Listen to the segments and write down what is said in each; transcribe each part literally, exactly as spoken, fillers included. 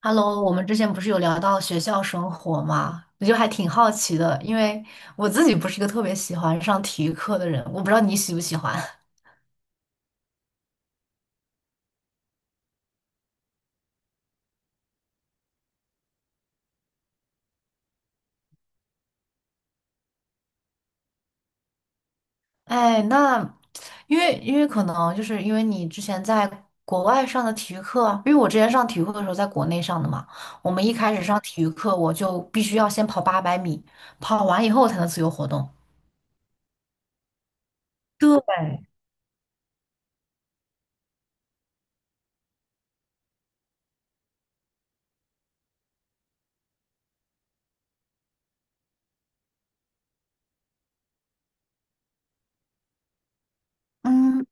Hello，我们之前不是有聊到学校生活吗？我就还挺好奇的，因为我自己不是一个特别喜欢上体育课的人，我不知道你喜不喜欢。哎，那因为因为可能就是因为你之前在国外上的体育课，因为我之前上体育课的时候在国内上的嘛，我们一开始上体育课我就必须要先跑八百米，跑完以后才能自由活动。对，嗯，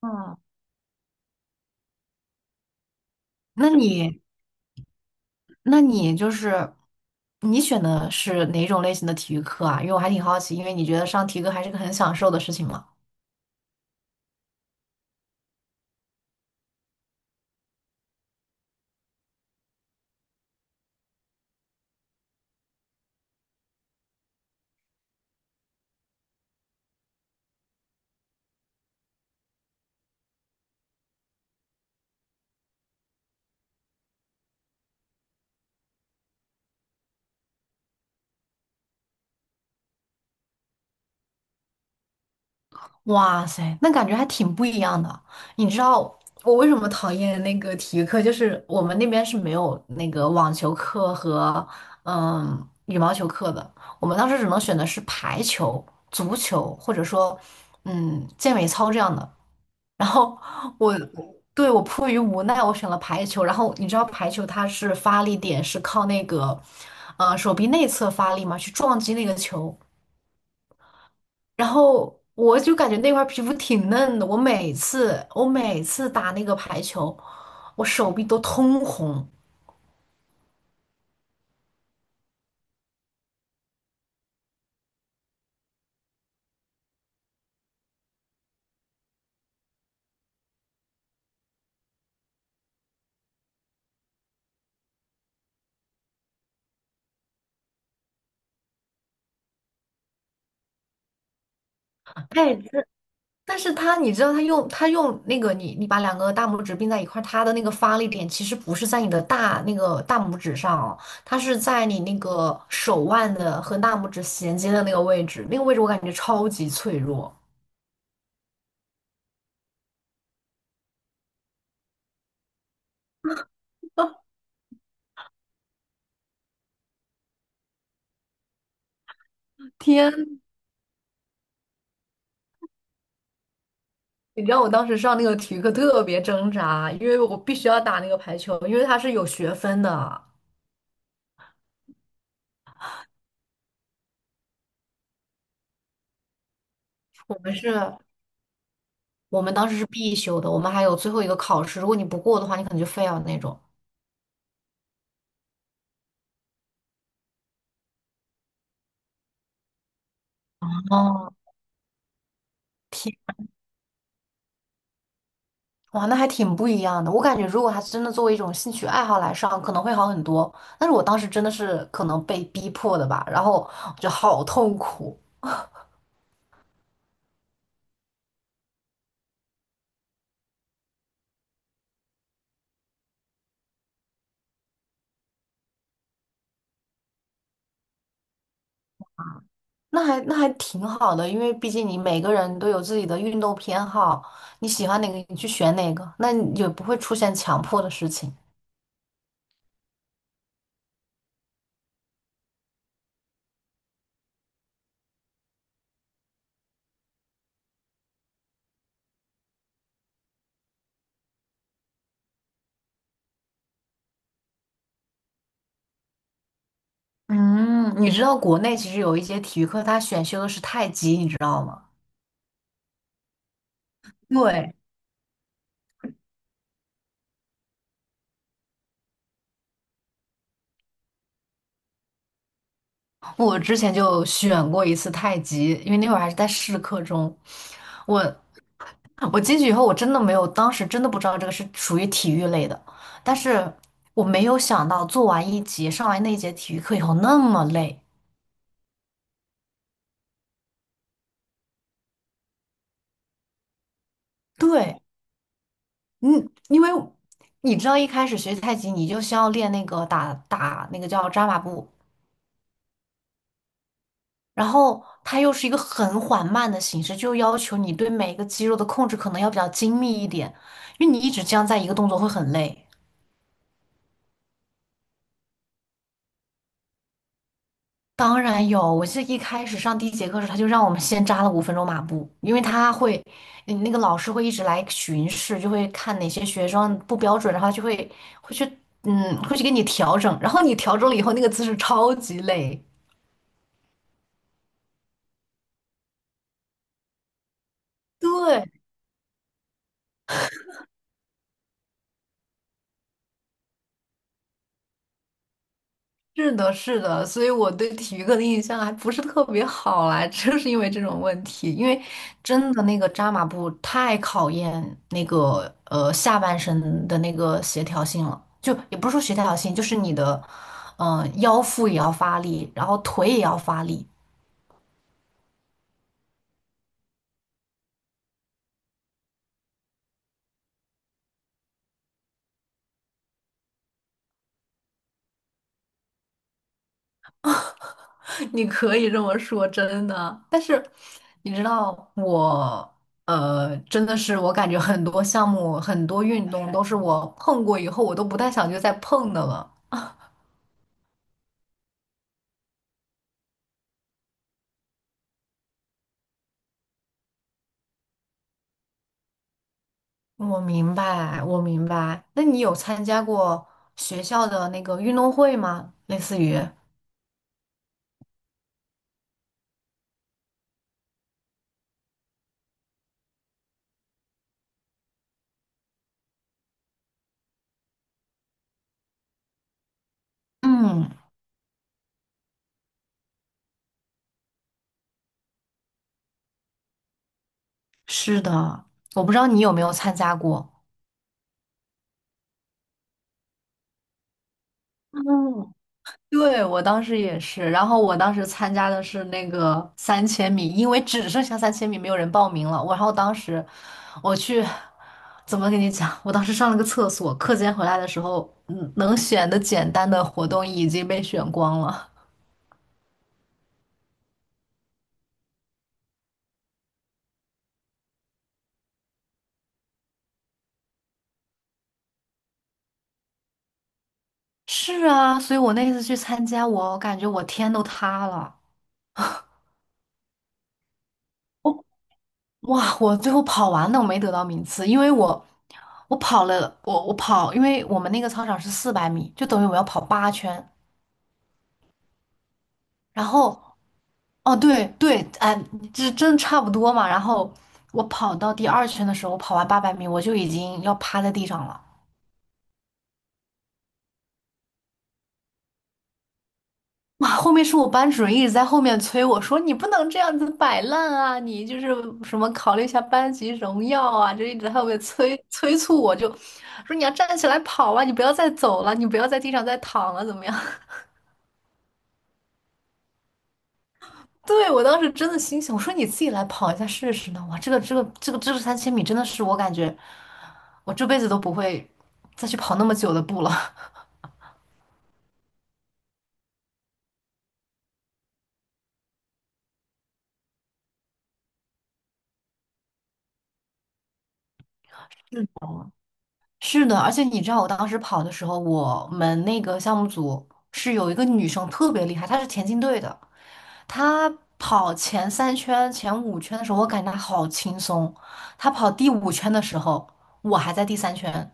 嗯，那你？那你就是你选的是哪种类型的体育课啊？因为我还挺好奇，因为你觉得上体育课还是个很享受的事情嘛。哇塞，那感觉还挺不一样的。你知道我为什么讨厌那个体育课？就是我们那边是没有那个网球课和嗯羽毛球课的，我们当时只能选的是排球、足球，或者说嗯健美操这样的。然后我对我迫于无奈，我选了排球。然后你知道排球它是发力点是靠那个呃手臂内侧发力嘛，去撞击那个球。然后我就感觉那块皮肤挺嫩的，我每次我每次打那个排球，我手臂都通红。哎，但是它，你知道，它用它用那个你你把两个大拇指并在一块儿，它的那个发力点其实不是在你的大那个大拇指上哦，它是在你那个手腕的和大拇指衔接的那个位置，那个位置我感觉超级脆弱。天，你知道我当时上那个体育课特别挣扎，因为我必须要打那个排球，因为它是有学分的，我们是我们当时是必修的，我们还有最后一个考试，如果你不过的话，你可能就 fail 那种。哦。天。哇，那还挺不一样的。我感觉，如果他真的作为一种兴趣爱好来上，可能会好很多。但是我当时真的是可能被逼迫的吧，然后就好痛苦。那还那还挺好的，因为毕竟你每个人都有自己的运动偏好，你喜欢哪个你去选哪个，那你也不会出现强迫的事情。嗯，你知道国内其实有一些体育课，它选修的是太极，你知道吗？对，我之前就选过一次太极，因为那会儿还是在试课中，我。我进去以后，我真的没有，当时真的不知道这个是属于体育类的，但是我没有想到做完一节，上完那一节体育课以后那么累。对，嗯，因为你知道一开始学太极，你就需要练那个打打那个叫扎马步，然后它又是一个很缓慢的形式，就要求你对每一个肌肉的控制可能要比较精密一点，因为你一直这样在一个动作会很累。当然有，我记得一开始上第一节课时，他就让我们先扎了五分钟马步，因为他会，嗯那个老师会一直来巡视，就会看哪些学生不标准，然后就会会去，嗯，会去给你调整，然后你调整了以后，那个姿势超级累。对，是的，是的，所以我对体育课的印象还不是特别好啦，就是因为这种问题，因为真的那个扎马步太考验那个呃下半身的那个协调性了，就也不是说协调性，就是你的嗯、呃腰腹也要发力，然后腿也要发力，你可以这么说，真的。但你知道我。呃，真的是，我感觉很多项目、很多运动都是我碰过以后，我都不太想去再碰的了。我明白，我明白。那你有参加过学校的那个运动会吗？类似于，嗯，是的，我不知道你有没有参加过。嗯，对，我当时也是，然后我当时参加的是那个三千米，因为只剩下三千米，没有人报名了。我然后当时我去，怎么跟你讲？我当时上了个厕所，课间回来的时候，嗯，能选的简单的活动已经被选光了。是啊，所以我那次去参加，我感觉我天都塌了。哇，我最后跑完了，我没得到名次，因为我我跑了，我我跑，因为我们那个操场是四百米，就等于我要跑八圈。然后，哦对对，哎，这真差不多嘛。然后我跑到第二圈的时候，我跑完八百米，我就已经要趴在地上了。哇，后面是我班主任一直在后面催我说："你不能这样子摆烂啊，你就是什么考虑一下班级荣耀啊。"就一直在后面催催促我就，说你要站起来跑啊，你不要再走了，你不要在地上再躺了，怎么样？对，我当时真的心想，我说你自己来跑一下试试呢。哇，这个这个这个这个三千米真的是我感觉我这辈子都不会再去跑那么久的步了。是的，而且你知道，我当时跑的时候，我们那个项目组是有一个女生特别厉害，她是田径队的，她跑前三圈、前五圈的时候，我感觉她好轻松，她跑第五圈的时候，我还在第三圈。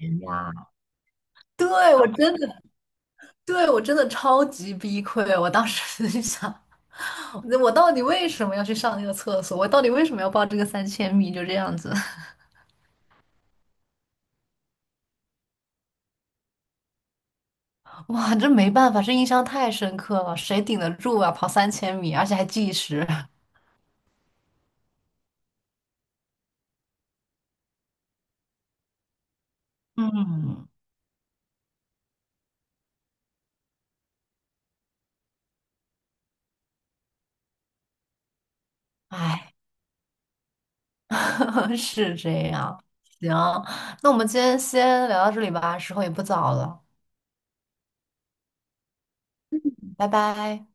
呀，对，我真的，对，我真的超级崩溃。我当时就想，我到底为什么要去上那个厕所？我到底为什么要报这个三千米？就这样子。哇，这没办法，这印象太深刻了，谁顶得住啊？跑三千米，而且还计时。嗯，哎，是这样。行，那我们今天先聊到这里吧，时候也不早了，拜拜。